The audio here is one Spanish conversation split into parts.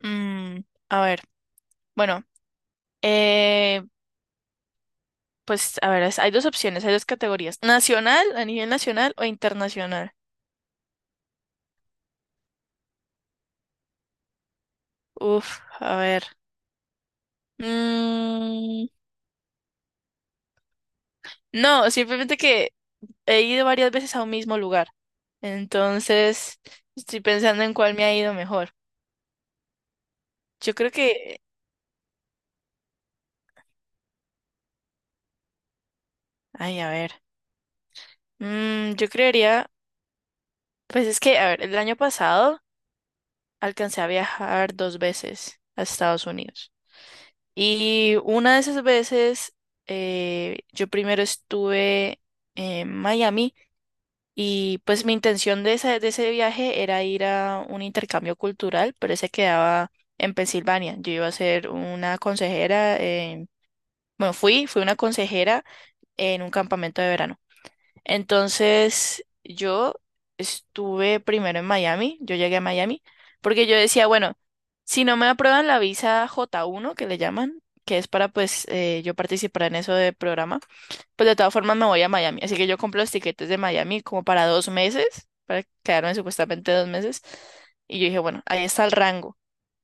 Mm, a ver, bueno, eh, pues a ver, hay dos opciones, hay dos categorías. Nacional, a nivel nacional o internacional. Uf, a ver. Mm, no, simplemente que he ido varias veces a un mismo lugar. Entonces, estoy pensando en cuál me ha ido mejor. Yo creo que, ay, a ver. Yo creería, pues es que, a ver, el año pasado alcancé a viajar dos veces a Estados Unidos. Y una de esas veces, yo primero estuve en Miami y pues mi intención de ese viaje era ir a un intercambio cultural, pero ese quedaba en Pensilvania. Yo iba a ser una consejera, bueno, fui una consejera en un campamento de verano. Entonces, yo estuve primero en Miami, yo llegué a Miami, porque yo decía, bueno, si no me aprueban la visa J1, que le llaman, que es para pues yo participar en eso de programa, pues de todas formas me voy a Miami. Así que yo compro los tiquetes de Miami como para dos meses, para quedarme supuestamente dos meses. Y yo dije, bueno, ahí está el rango.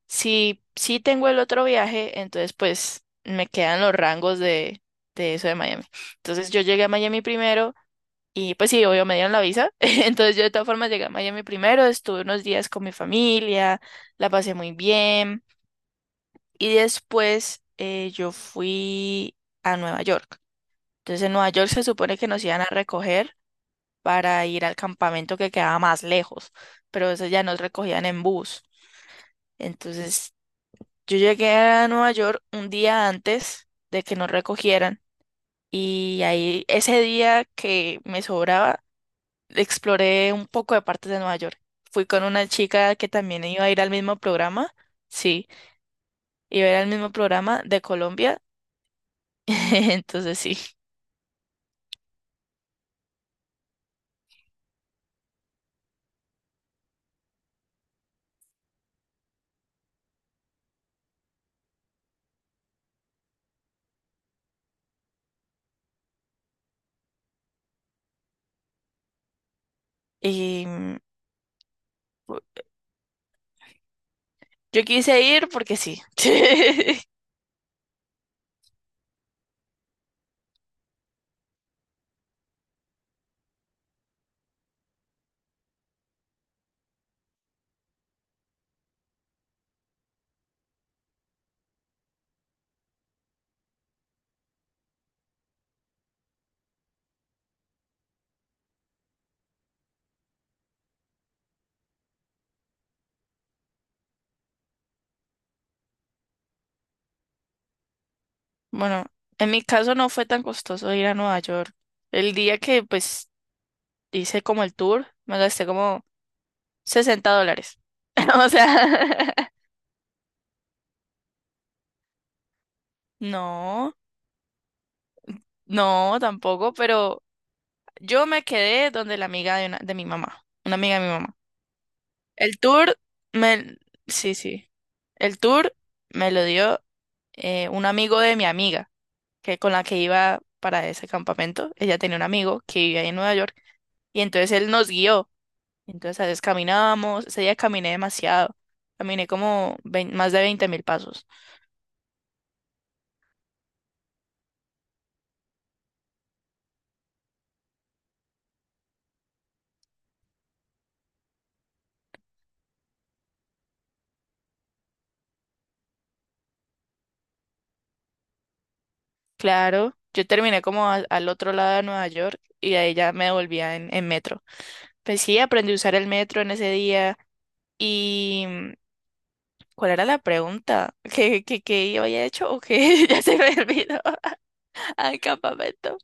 Si tengo el otro viaje, entonces pues me quedan los rangos de eso de Miami. Entonces yo llegué a Miami primero. Y pues sí, obvio, me dieron la visa. Entonces yo de todas formas llegué a Miami primero, estuve unos días con mi familia, la pasé muy bien. Y después yo fui a Nueva York. Entonces en Nueva York se supone que nos iban a recoger para ir al campamento que quedaba más lejos, pero eso ya nos recogían en bus. Entonces yo llegué a Nueva York un día antes de que nos recogieran. Y ahí ese día que me sobraba exploré un poco de partes de Nueva York. Fui con una chica que también iba a ir al mismo programa. Sí, iba a ir al mismo programa de Colombia. Entonces sí. Y mm, yo quise ir porque sí. Bueno, en mi caso no fue tan costoso ir a Nueva York. El día que pues hice como el tour, me gasté como $60. O sea, no, no, tampoco, pero yo me quedé donde la amiga de, una- de mi mamá, una amiga de mi mamá. El me... Sí, sí. El tour me lo dio un amigo de mi amiga, que con la que iba para ese campamento. Ella tenía un amigo que vivía ahí en Nueva York y entonces él nos guió. Entonces a veces caminábamos. Ese día caminé demasiado. Caminé más de 20,000 pasos. Claro, yo terminé al otro lado de Nueva York y de ahí ya me volvía en metro. Pues sí, aprendí a usar el metro en ese día. Y ¿cuál era la pregunta? Qué yo había hecho o qué? Ya se me olvidó al campamento.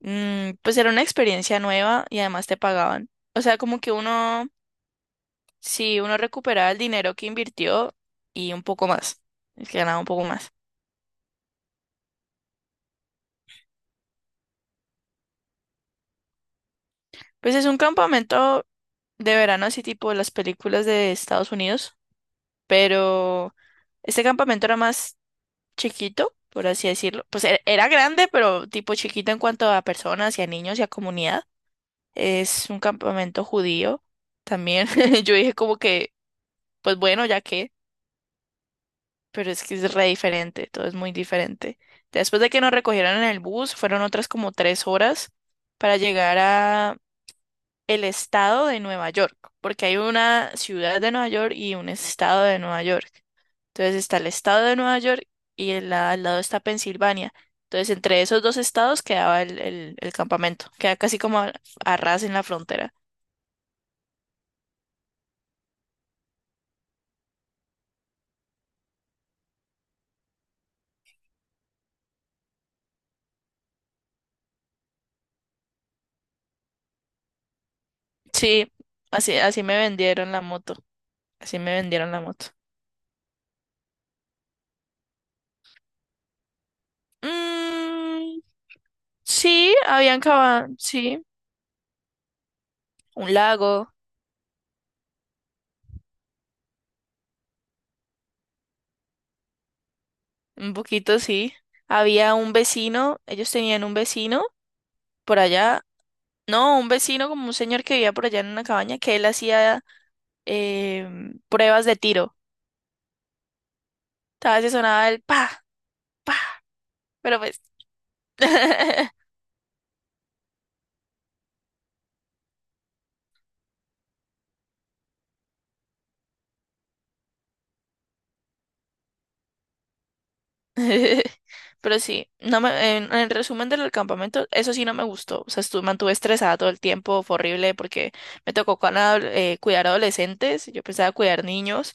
Mm, pues era una experiencia nueva y además te pagaban. O sea, como que uno, si uno recuperaba el dinero que invirtió y un poco más, es que ganaba un poco más. Pues es un campamento de verano, así tipo las películas de Estados Unidos, pero este campamento era más chiquito, por así decirlo. Pues era grande, pero tipo chiquito en cuanto a personas y a niños y a comunidad. Es un campamento judío también. Yo dije como que, pues bueno, ya que, pero es que es re diferente, todo es muy diferente. Después de que nos recogieron en el bus, fueron otras como 3 horas para llegar a el estado de Nueva York, porque hay una ciudad de Nueva York y un estado de Nueva York. Entonces está el estado de Nueva York y al lado está Pensilvania. Entonces entre esos dos estados quedaba el campamento, queda casi como a ras en la frontera. Sí, así me vendieron la moto. Así me vendieron la moto. Mm, sí, habían cava, sí, un lago, un poquito sí. Había un vecino, ellos tenían un vecino por allá. No, un vecino como un señor que vivía por allá en una cabaña que él hacía pruebas de tiro. A veces sonaba el pa, pa, pero pues Pero sí, no me, en resumen del campamento, eso sí no me gustó. O sea, estuve, mantuve estresada todo el tiempo, fue horrible porque me tocó cuidar adolescentes, yo pensaba cuidar niños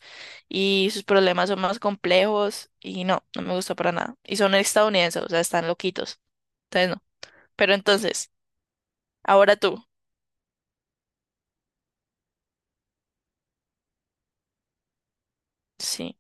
y sus problemas son más complejos y no, no me gustó para nada. Y son estadounidenses, o sea, están loquitos. Entonces no. Pero entonces, ahora tú. Sí.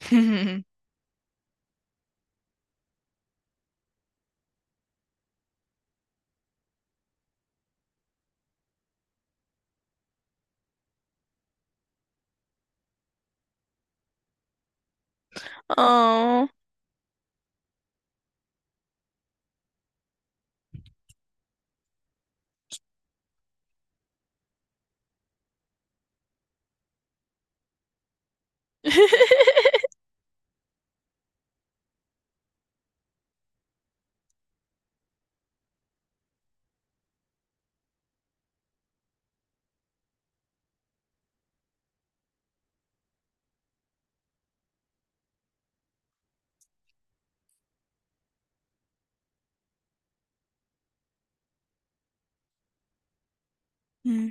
Oh. Mm,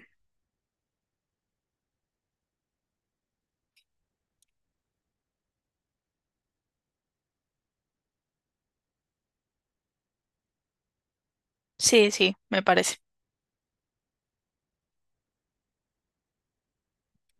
sí, sí, me parece.